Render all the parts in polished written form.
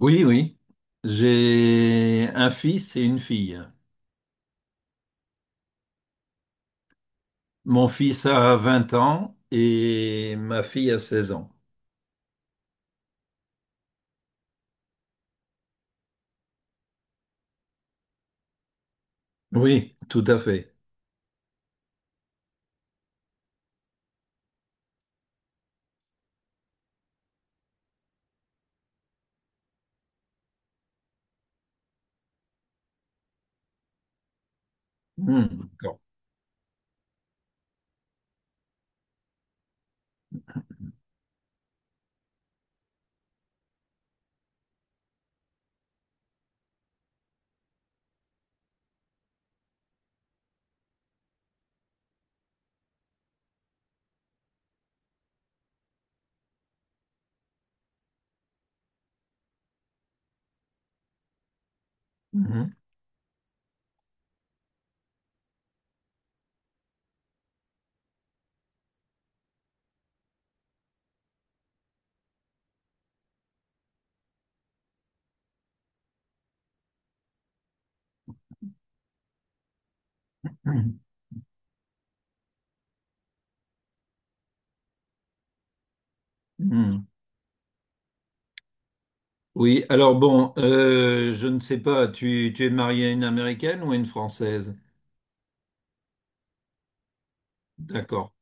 Oui, oui. J'ai un fils et une fille. Mon fils a 20 ans et ma fille a 16 ans. Oui, tout à fait. Hmm, d'accord. Mhm, mhm, mhm. Oui, alors bon, je ne sais pas, tu es marié à une Américaine ou à une Française? D'accord.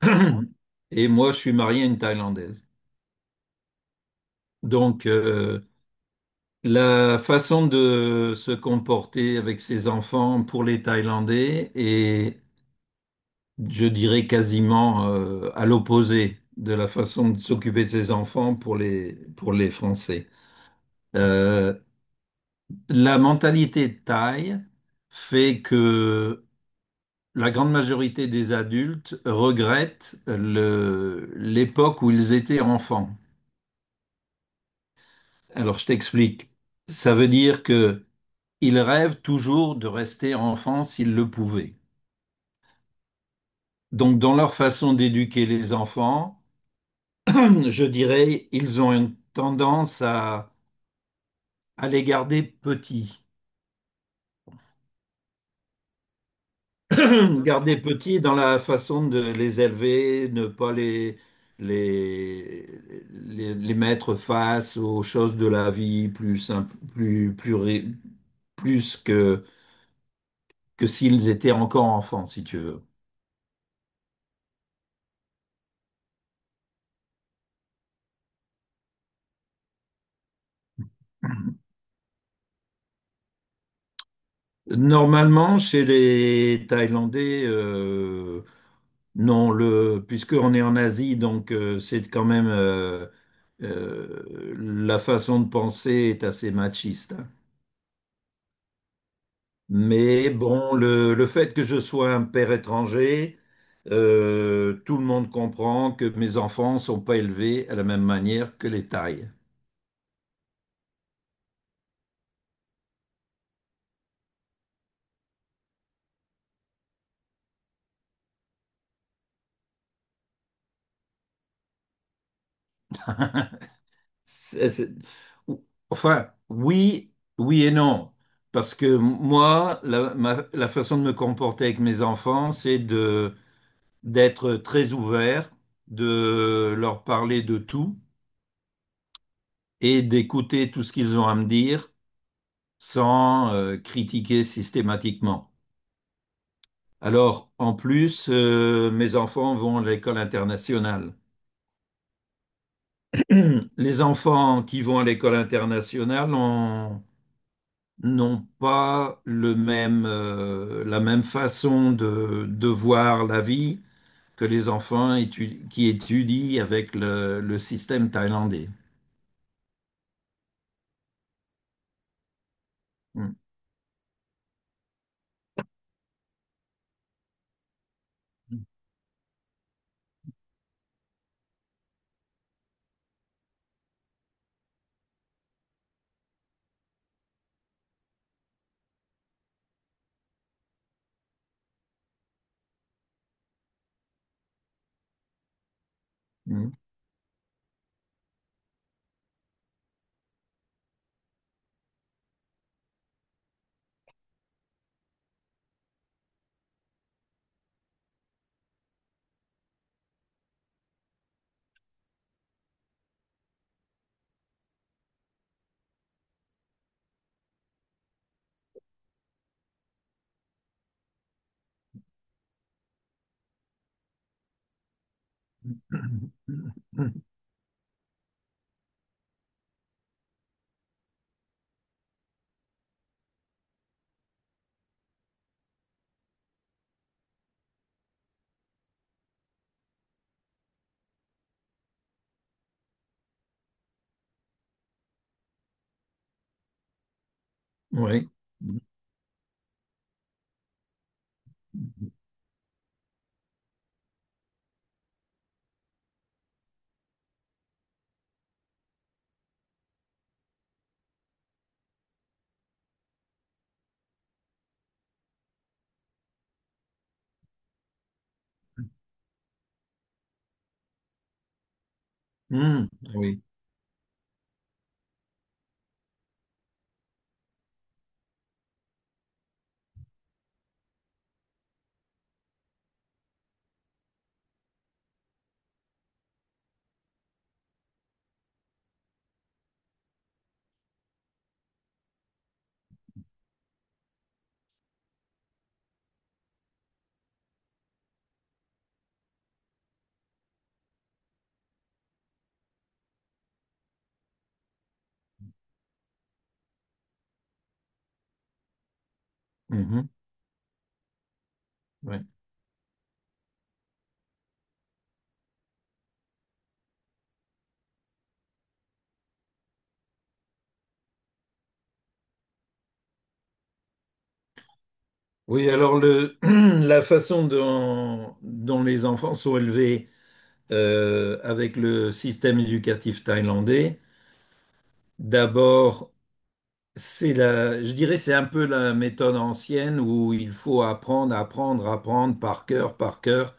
Et moi, je suis marié à une Thaïlandaise. Donc, la façon de se comporter avec ses enfants pour les Thaïlandais est, je dirais, quasiment à l'opposé de la façon de s'occuper de ses enfants pour les Français. Euh, la mentalité thaï fait que la grande majorité des adultes regrettent l'époque où ils étaient enfants. Alors je t'explique. Ça veut dire que ils rêvent toujours de rester enfants s'ils le pouvaient. Donc dans leur façon d'éduquer les enfants, je dirais, ils ont une tendance à les garder petits. Garder petits dans la façon de les élever, ne pas les, les mettre face aux choses de la vie plus simple, plus que, s'ils étaient encore enfants, si tu veux. Normalement, chez les Thaïlandais, non, puisqu'on est en Asie, donc c'est quand même la façon de penser est assez machiste, hein. Mais bon, le fait que je sois un père étranger, tout le monde comprend que mes enfants ne sont pas élevés à la même manière que les Thaïs. C'est- c'est- Enfin, oui, oui et non. Parce que moi, la façon de me comporter avec mes enfants, c'est de, d'être très ouvert, de leur parler de tout et d'écouter tout ce qu'ils ont à me dire sans, critiquer systématiquement. Alors, en plus, mes enfants vont à l'école internationale. Les enfants qui vont à l'école internationale ont- N'ont pas le même, la même façon de voir la vie que qui étudient avec le système thaïlandais. Mm. Mm. Oui. Mm. Oui. Mhm. Oui. Oui, alors la façon dont les enfants sont élevés avec le système éducatif thaïlandais. D'abord, c'est je dirais, c'est un peu la méthode ancienne où il faut apprendre, apprendre, apprendre par cœur,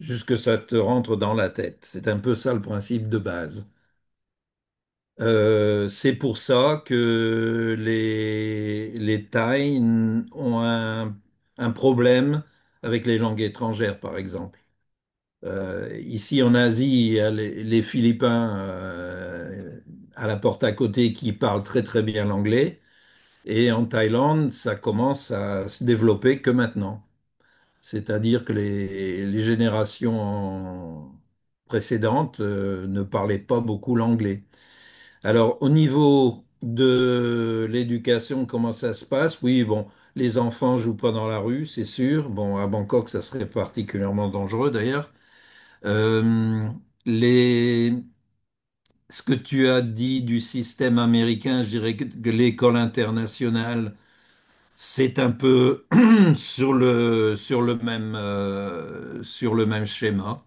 jusque ça te rentre dans la tête. C'est un peu ça le principe de base. C'est pour ça que les Thaïs ont un problème avec les langues étrangères, par exemple. Ici en Asie, il y a les Philippins à la porte à côté qui parlent très très bien l'anglais. Et en Thaïlande, ça commence à se développer que maintenant. C'est-à-dire que les générations précédentes ne parlaient pas beaucoup l'anglais. Alors au niveau de l'éducation, comment ça se passe? Oui, bon, les enfants jouent pas dans la rue, c'est sûr. Bon, à Bangkok, ça serait particulièrement dangereux d'ailleurs. Euh, les, Ce que tu as dit du système américain, je dirais que l'école internationale, c'est un peu sur sur le même schéma.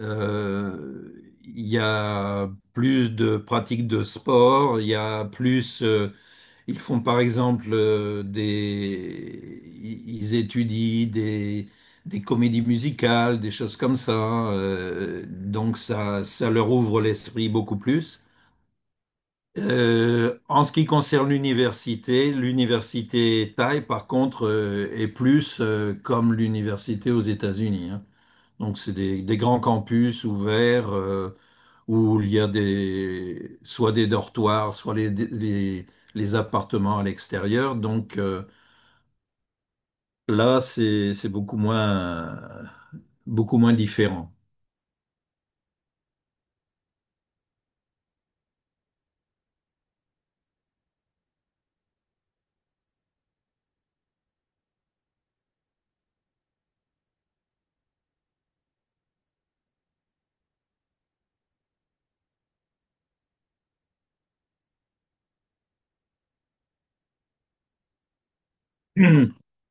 Euh, Il y a plus de pratiques de sport, il y a plus ils font par exemple ils étudient des comédies musicales, des choses comme ça. Donc ça leur ouvre l'esprit beaucoup plus. En ce qui concerne l'université, l'université Thaï, par contre, est plus comme l'université aux États-Unis, hein. Donc, c'est des grands campus ouverts où il y a des, soit des dortoirs, soit les appartements à l'extérieur. Donc, là, c'est beaucoup moins différent.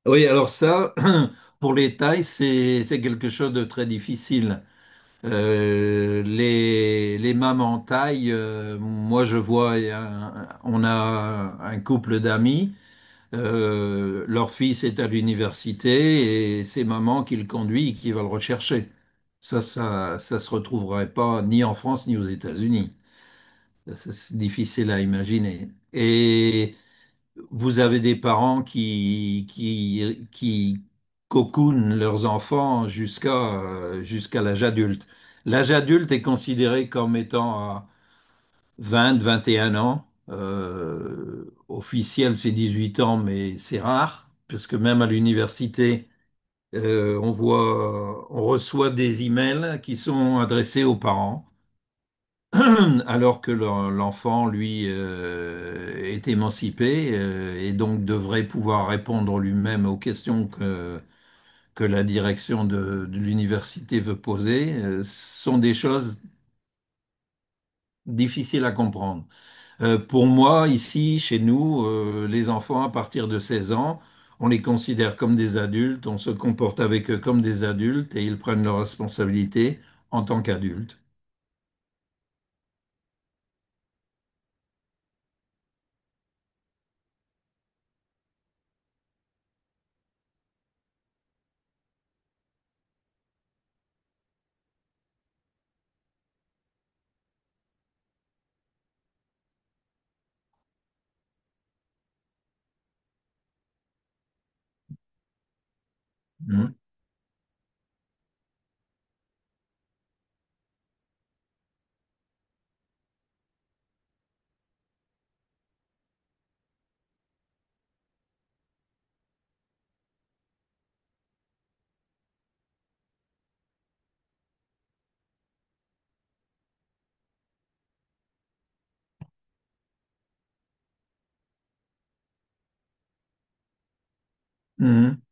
Oui, alors ça, pour les tailles, c'est quelque chose de très difficile. Les mamans taille, je vois, on a un couple d'amis. Leur fils est à l'université et c'est maman qui le conduit et qui va le rechercher. Ça se retrouverait pas ni en France ni aux États-Unis. Ça, c'est difficile à imaginer. Et vous avez des parents qui cocoonent leurs enfants jusqu'à jusqu'à l'âge adulte. L'âge adulte est considéré comme étant vingt, vingt et un ans. Officiel, c'est 18 ans, mais c'est rare, parce que même à l'université, on voit, on reçoit des emails qui sont adressés aux parents, alors que l'enfant, lui, est émancipé, et donc devrait pouvoir répondre lui-même aux questions que la direction de l'université veut poser, sont des choses difficiles à comprendre. Pour moi, ici, chez nous, les enfants, à partir de 16 ans, on les considère comme des adultes, on se comporte avec eux comme des adultes et ils prennent leurs responsabilités en tant qu'adultes. Mhm. Mhm.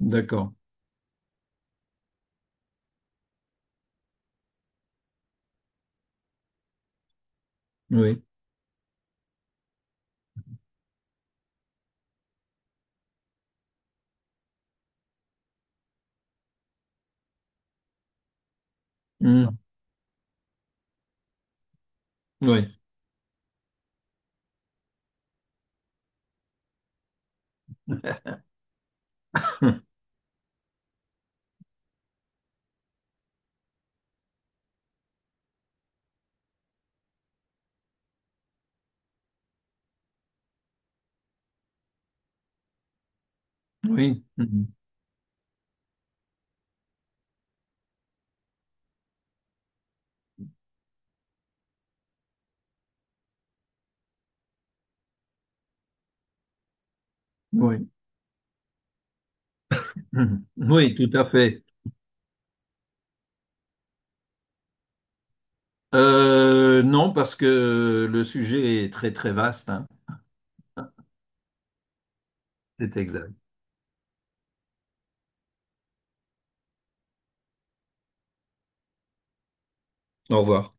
D'accord. Oui. Mhm. Oui. Oui. Mhm. Oui. Mhm. Oui, tout à fait. Non, parce que le sujet est très, très vaste, hein. C'est exact. Au revoir.